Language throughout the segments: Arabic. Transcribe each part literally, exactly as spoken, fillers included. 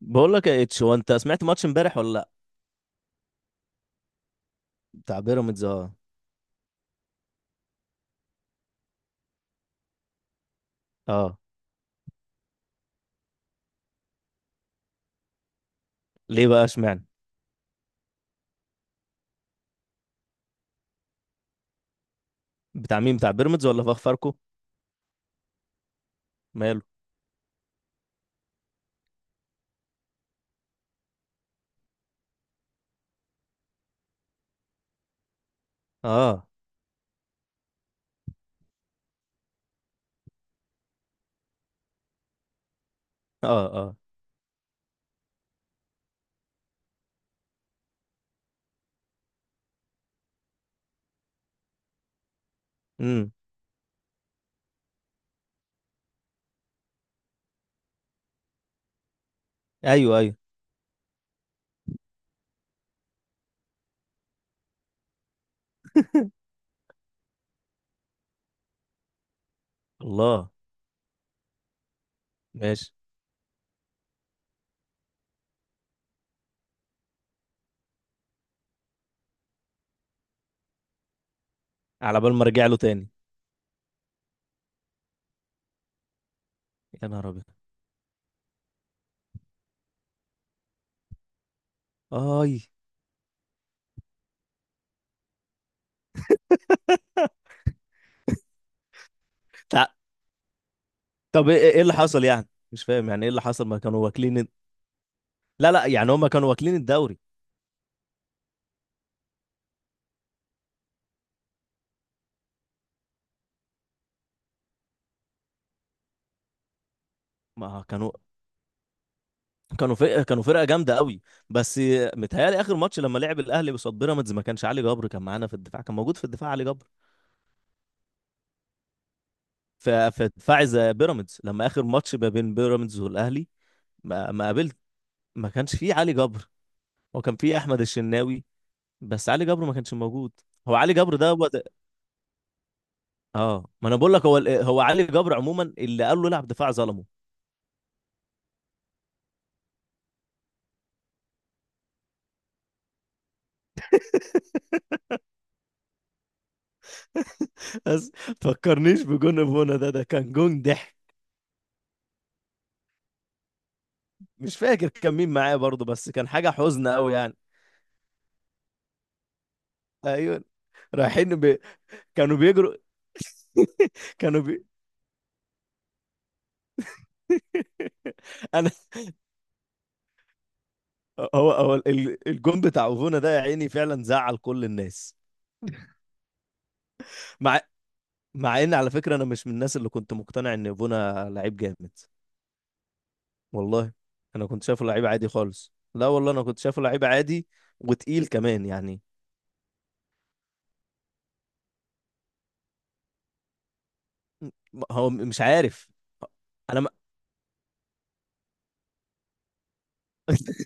بقول لك يا اتش هو انت سمعت ماتش امبارح ولا لا؟ بتاع بيراميدز، اه. اه، ليه بقى اشمعنى؟ بتاع مين؟ بتاع بيراميدز ولا فاخ فاركو؟ ماله؟ اه. اه. اه. امم. ايوه، ايوه. الله. ماشي. على بال ما ارجع له تاني. يا نهار ابيض. اي. تع- طب، ايه ايه اللي حصل؟ يعني مش فاهم، يعني ايه اللي حصل؟ ما كانوا واكلين الد- لا لا، يعني هم كانوا واكلين الدوري. ما كانوا كانوا فرقه كانوا فرقه جامده قوي، بس. متهيألي اخر ماتش لما لعب الاهلي قصاد بيراميدز ما كانش علي جبر، كان معانا في الدفاع، كان موجود في الدفاع علي جبر. ف- فدفاعي زي بيراميدز، لما اخر ماتش ما بين بيراميدز والاهلي ما ما قابلت، ما كانش فيه علي جبر. هو كان فيه احمد الشناوي، بس علي جبر ما كانش موجود. هو علي جبر ده هو ده- اه، ما انا بقول لك، هو ال- هو علي جبر عموما اللي قال له العب دفاع ظلمه. بس، فكرنيش بجون ابونا. ده ده كان جون ضحك، مش فاكر كان مين معاه برضه، بس كان حاجه حزن قوي يعني. ايوه. رايحين ب... كانوا بيجروا. كانوا بي... انا هو هو ال- الجون بتاع اوفونا ده، يا عيني فعلا زعل كل الناس. مع مع ان على فكره، انا مش من الناس اللي كنت مقتنع ان بونا لعيب جامد. والله انا كنت شايفه لعيب عادي خالص. لا والله، انا كنت شايفه لعيب عادي. وتقيل كمان يعني. م- هو م- مش عارف. انا ما...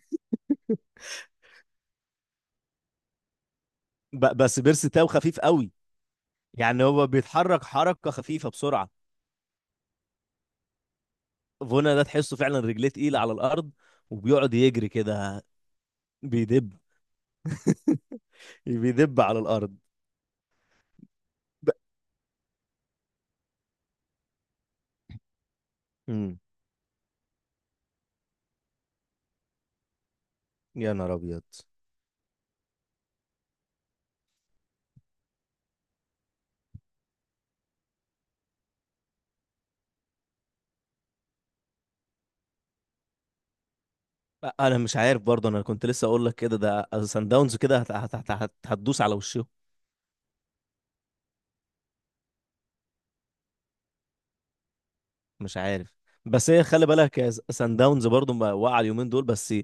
ب- بس بيرس تاو خفيف قوي. يعني هو بيتحرك حركه خفيفه بسرعه. فونا ده تحسه فعلا رجليه تقيله على الارض، وبيقعد يجري كده. بيدب. بيدب على الارض. ب... مم. يا نهار ابيض. انا مش عارف برضه، انا كنت لسه اقول لك كده، ده سان داونز كده هت- هت- هت- هت- هتدوس على وشهم. مش عارف، بس هي خلي بالك، يا س- سان داونز برضه ما وقع اليومين دول بس.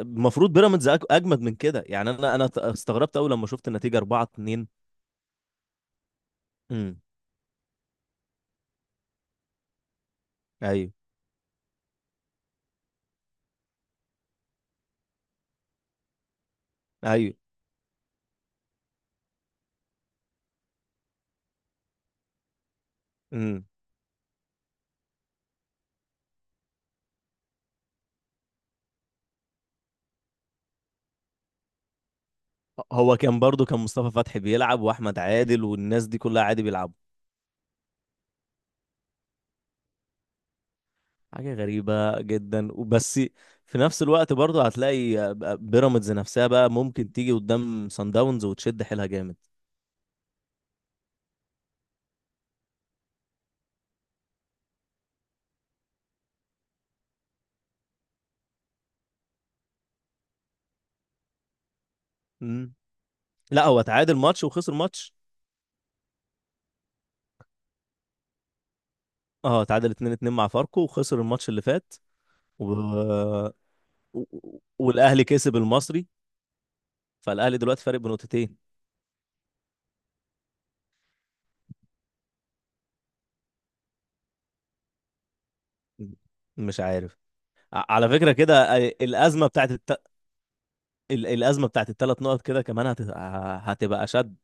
المفروض بيراميدز أج- اجمد من كده. يعني انا انا ت- استغربت قوي لما شفت النتيجه اربعة اتنين. امم. ايوه، ايوه. امم. هو كان برضه، كان مصطفى فتحي بيلعب، واحمد عادل، والناس دي كلها عادي بيلعبوا. حاجة غريبة جدا وبس. في نفس الوقت برضه هتلاقي بيراميدز نفسها بقى ممكن تيجي قدام سان داونز وتشد حيلها جامد. مم. لا، هو تعادل ماتش وخسر ماتش. اه، تعادل اتنين اتنين مع فاركو، وخسر الماتش اللي فات. و... و... والاهلي كسب المصري. فالاهلي دلوقتي فارق بنقطتين. مش عارف. ع- على فكرة كده، آه، الأزمة بتاعت الت... ال- الأزمة بتاعت الثلاث نقط كده كمان هت... ه- هتبقى أشد.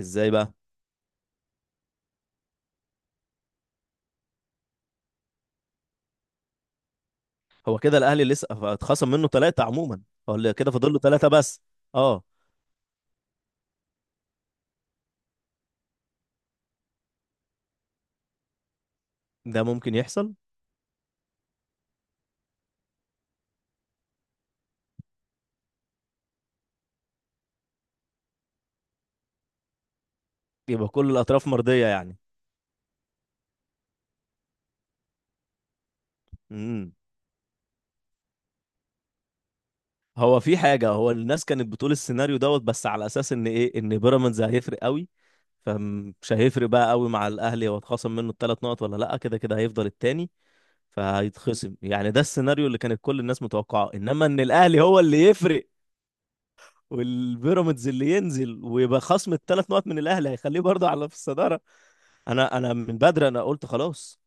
ازاي بقى؟ هو كده الاهلي لسه اتخصم منه ثلاثه عموما. هو اللي كده فاضل له ثلاثه بس. اه، ده ممكن يحصل. يبقى كل الاطراف مرضيه يعني. امم. هو في حاجه، هو الناس كانت بتقول السيناريو دوت، بس على اساس ان ايه؟ ان بيراميدز هيفرق قوي. فمش هيفرق بقى قوي مع الاهلي، هو اتخصم منه الثلاث نقط ولا لا، كده كده هيفضل التاني فهيتخصم. يعني ده السيناريو اللي كانت كل الناس متوقعاه، انما ان الاهلي هو اللي يفرق، والبيراميدز اللي ينزل، ويبقى خصم الثلاث نقط من الاهلي هيخليه برضه على في الصداره. انا انا من بدري انا قلت خلاص.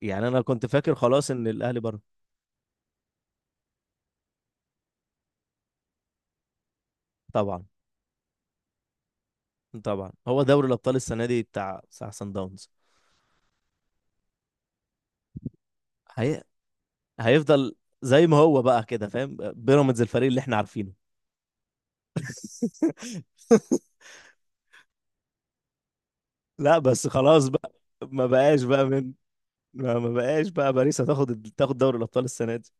يعني انا كنت فاكر خلاص ان الاهلي بره. طبعا. طبعا، هو دوري الابطال السنه دي بتاع بتاع سان داونز. هي... هيفضل زي ما هو بقى كده، فاهم؟ بيراميدز الفريق اللي احنا عارفينه. لا بس خلاص بقى. ما بقاش بقى من، ما ما بقاش بقى باريس هتاخد ال- تاخد دوري الابطال السنه دي.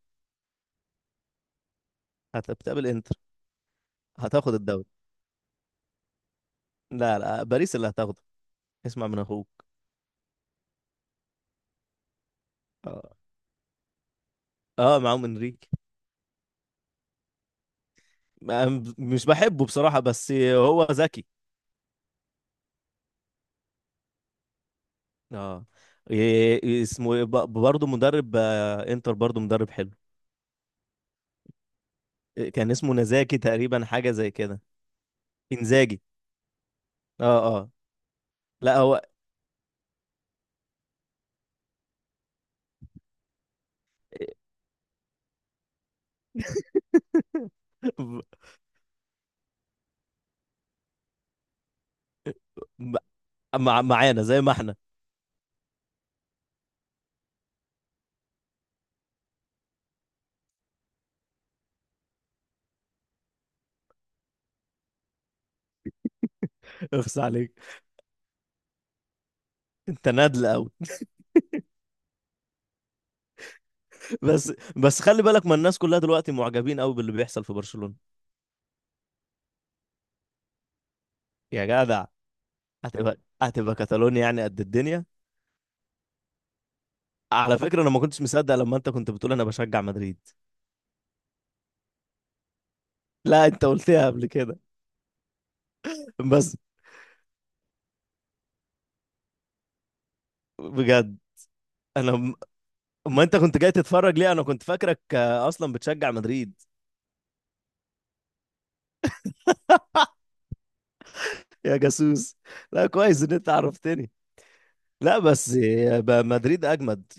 هت- بتقابل انتر. هتاخد الدوري. لا لا، باريس اللي هتاخده، اسمع من اخوك. آه. اه، معاهم انريكي. ما- مش بحبه بصراحة، بس هو ذكي. اه، ي- اسمه إيه؟ ب- برضه مدرب، آه، انتر برضه مدرب حلو. كان اسمه نزاكي تقريبا، حاجة زي كده. انزاجي. اه، اه. لا، هو. م- مع معانا زي ما احنا. اخس عليك، انت نادل قوي. بس بس خلي بالك، ما الناس كلها دلوقتي معجبين قوي باللي بيحصل في برشلونة. يا جدع. هتبقى هتبقى كاتالونيا، يعني قد الدنيا. على فكرة، انا ما كنتش مصدق لما انت كنت بتقول انا بشجع مدريد. لا، انت قلتها قبل كده. بس بجد. انا م- ما انت كنت جاي تتفرج ليه؟ انا كنت فاكرك آه، اصلا بتشجع مدريد. يا جاسوس. لا، كويس ان انت عرفتني. لا بس، آه، ب- مدريد اجمد.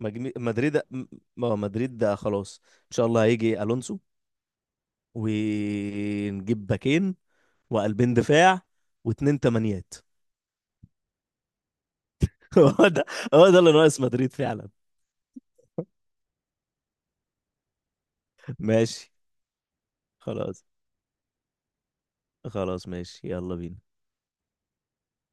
مجمي- مدريد، م- آه، مدريد ده خلاص ان شاء الله هيجي الونسو، ونجيب باكين، وقلبين دفاع، واتنين تمانيات. هو ده هو ده اللي ناقص مدريد فعلا. ماشي. خلاص خلاص ماشي، يلا بينا.